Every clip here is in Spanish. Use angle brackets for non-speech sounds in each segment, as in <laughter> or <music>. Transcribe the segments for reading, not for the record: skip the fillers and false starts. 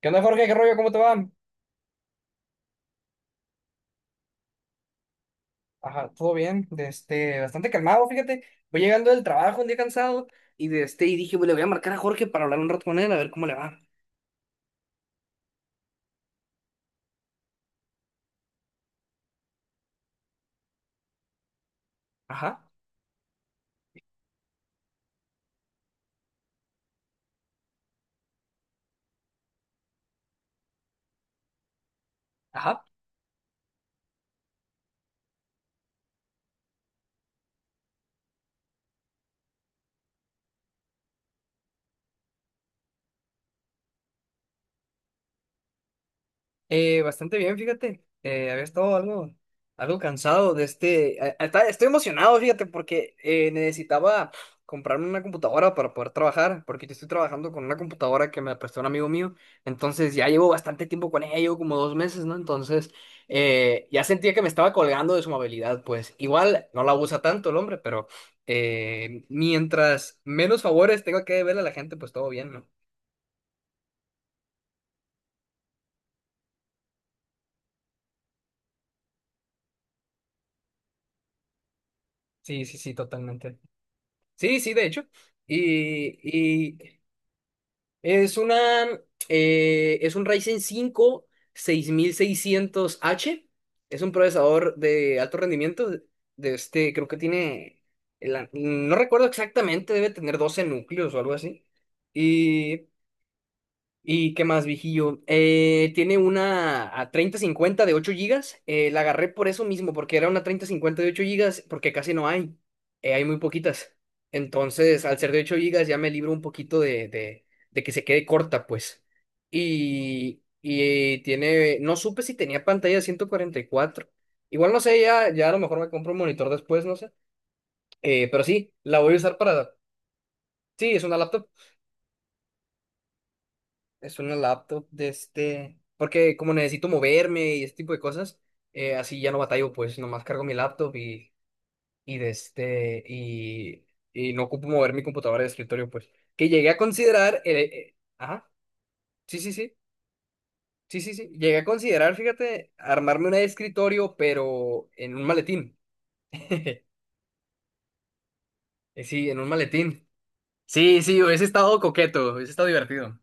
¿Qué onda, Jorge? ¿Qué rollo? ¿Cómo te va? Ajá, todo bien, bastante calmado, fíjate. Voy llegando del trabajo un día cansado y dije, "Bueno, le voy a marcar a Jorge para hablar un rato con él, a ver cómo le va." Ajá, ajá. Bastante bien, fíjate. Había estado algo, algo cansado de este. A- Estoy emocionado, fíjate, porque necesitaba comprarme una computadora para poder trabajar, porque yo estoy trabajando con una computadora que me prestó un amigo mío. Entonces ya llevo bastante tiempo con ella, llevo como 2 meses, ¿no? Entonces ya sentía que me estaba colgando de su amabilidad, pues igual no la usa tanto el hombre, pero mientras menos favores tenga que deberle a la gente, pues todo bien, ¿no? Sí, sí, sí, totalmente. Sí, sí, de hecho. Y, y es una, es un Ryzen 5 6600H. Es un procesador de alto rendimiento. Creo que tiene, no recuerdo exactamente, debe tener 12 núcleos o algo así. Y ¿Y qué más, viejillo? Tiene una a 3050 de 8 gigas. La agarré por eso mismo, porque era una 3050 de 8 gigas, porque casi no hay. Hay muy poquitas. Entonces, al ser de 8 gigas, ya me libro un poquito de que se quede corta, pues. Y tiene. No supe si tenía pantalla de 144. Igual no sé, ya, ya a lo mejor me compro un monitor después, no sé. Pero sí, la voy a usar para. Sí, es una laptop. Es una laptop porque como necesito moverme y este tipo de cosas, así ya no batallo, pues nomás cargo mi laptop y de este, y, y no ocupo mover mi computadora de escritorio, pues. Que llegué a considerar, ajá, sí, sí, sí, sí, sí, sí, llegué a considerar, fíjate, armarme una de escritorio, pero en un maletín. <laughs> Sí, en un maletín. Sí, sí, hubiese estado coqueto, hubiese estado divertido.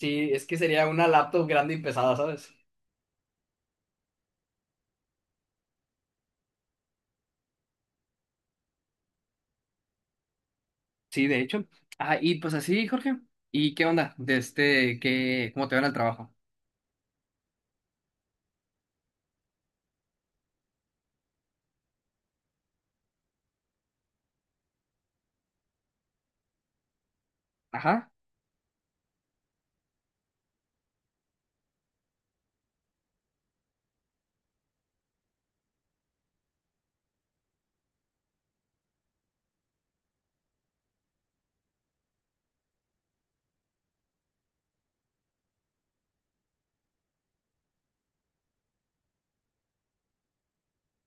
Sí, es que sería una laptop grande y pesada, ¿sabes? Sí, de hecho. Ah, y pues así, Jorge. ¿Y qué onda? ¿Cómo te van al trabajo? Ajá.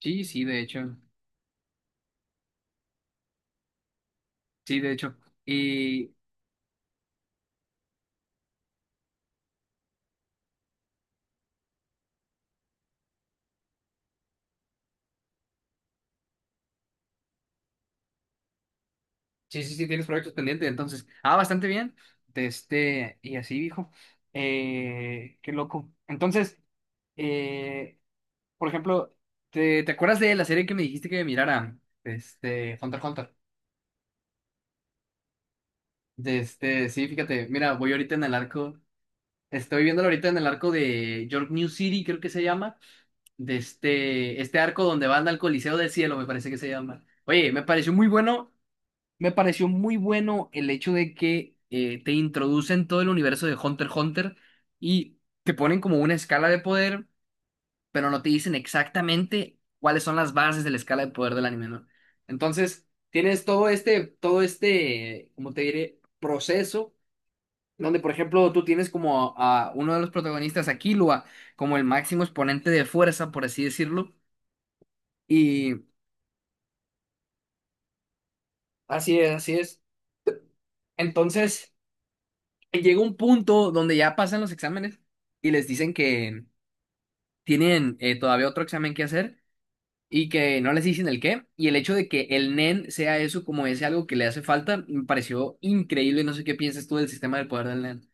Sí, sí, de hecho. Sí, de hecho. Y sí, sí, sí, tienes proyectos pendientes, entonces. Ah, bastante bien. Y así, dijo. Qué loco. Entonces, eh, por ejemplo, ¿te acuerdas de la serie que me dijiste que mirara? Hunter x Hunter. Sí, fíjate, mira, voy ahorita en el arco. Estoy viéndolo ahorita en el arco de York New City, creo que se llama. Este arco donde van al Coliseo del Cielo, me parece que se llama. Oye, me pareció muy bueno el hecho de que te introducen todo el universo de Hunter x Hunter y te ponen como una escala de poder, pero no te dicen exactamente cuáles son las bases de la escala de poder del anime, ¿no? Entonces, tienes todo este, como te diré, proceso. Donde, por ejemplo, tú tienes como a uno de los protagonistas, a Killua, como el máximo exponente de fuerza, por así decirlo, y así es, así es. Entonces, llega un punto donde ya pasan los exámenes y les dicen que tienen todavía otro examen que hacer y que no les dicen el qué. Y el hecho de que el NEN sea eso como ese algo que le hace falta, me pareció increíble. No sé qué piensas tú del sistema del poder del NEN.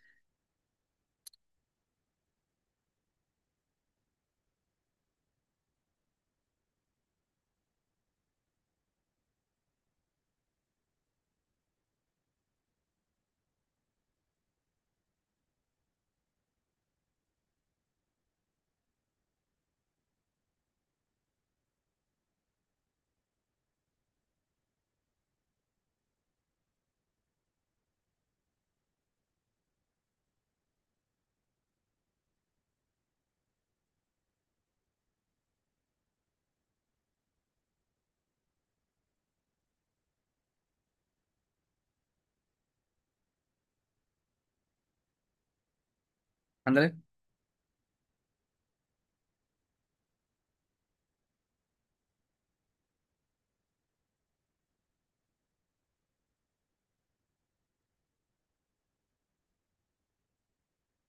Ándale.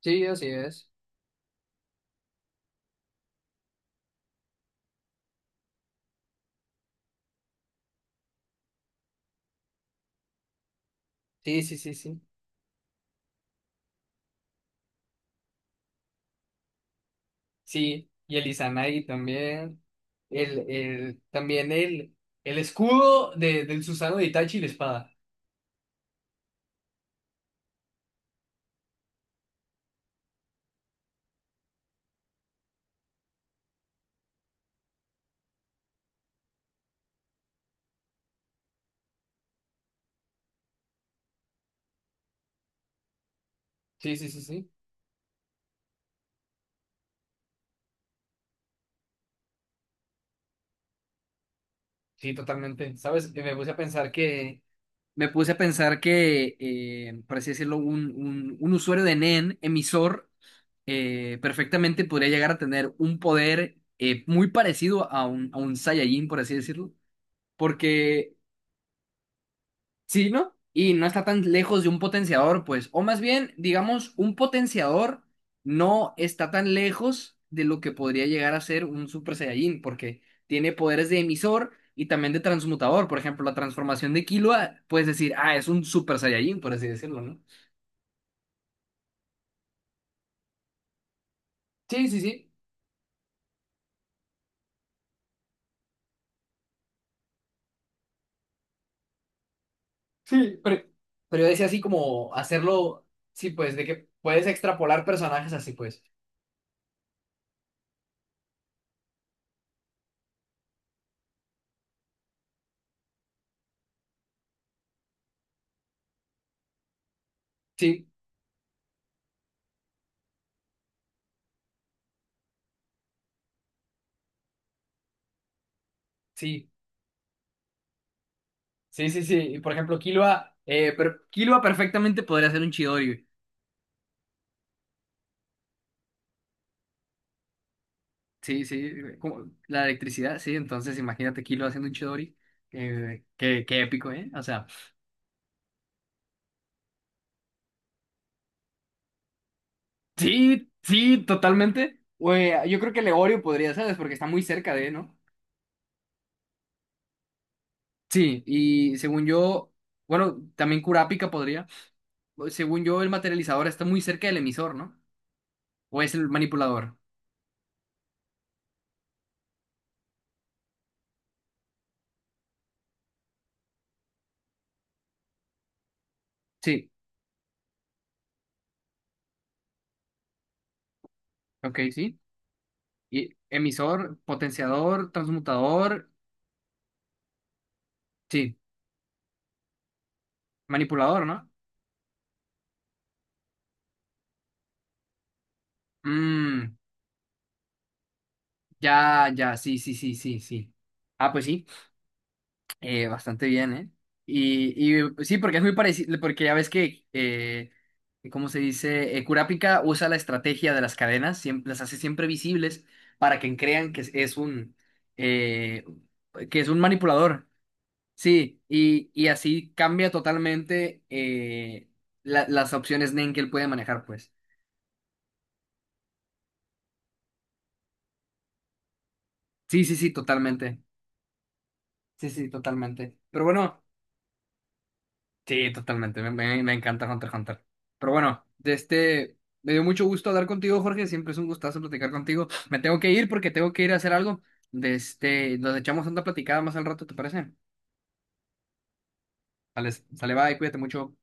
Sí, así es. Sí, sí, sí, sí. Sí, y el Izanagi también. También el escudo del Susano de Itachi y la espada. Sí, sí, sí, sí. Sí, totalmente. ¿Sabes? Y me puse a pensar que, por así decirlo, un usuario de NEN, emisor, perfectamente podría llegar a tener un poder muy parecido a un Saiyajin, por así decirlo. Porque Sí, ¿no? Y no está tan lejos de un potenciador, pues. O más bien, digamos, un potenciador no está tan lejos de lo que podría llegar a ser un Super Saiyajin, porque tiene poderes de emisor y también de transmutador. Por ejemplo, la transformación de Killua, puedes decir, ah, es un Super Saiyajin, por así decirlo, ¿no? Sí, sí, sí. Sí, pero yo decía así como hacerlo, sí, pues, de que puedes extrapolar personajes así, pues. Sí, sí. Sí, sí, sí. Por ejemplo, Killua, pero Killua perfectamente podría ser un Chidori, güey. Sí, sí. Como la electricidad, sí. Entonces, imagínate Killua haciendo un Chidori. Qué épico, ¿eh? O sea, sí, sí, totalmente. Güey, yo creo que Legorio podría, ¿sabes? Porque está muy cerca de, ¿no? Sí, y según yo, bueno, también Kurapika podría. Según yo, el materializador está muy cerca del emisor, ¿no? O es el manipulador. Sí, ok, sí. Y emisor, potenciador, transmutador. Sí. Manipulador, ¿no? Mm, ya, ya, sí, sí, sí, sí, sí. Ah, pues sí, bastante bien, ¿eh? Y sí, porque es muy parecido, porque ya ves que, ¿cómo se dice? Kurapika usa la estrategia de las cadenas, siempre, las hace siempre visibles para que crean eh, que es un manipulador. Sí, y así cambia totalmente las opciones Nen que él puede manejar, pues. Sí, sí, sí, totalmente. Sí, sí, totalmente. Pero bueno. Sí, totalmente. Me encanta Hunter x Hunter. Pero bueno, me dio mucho gusto hablar contigo, Jorge. Siempre es un gustazo platicar contigo. Me tengo que ir porque tengo que ir a hacer algo. Nos echamos una platicada más al rato, ¿te parece? Sale, sale, bye, cuídate mucho.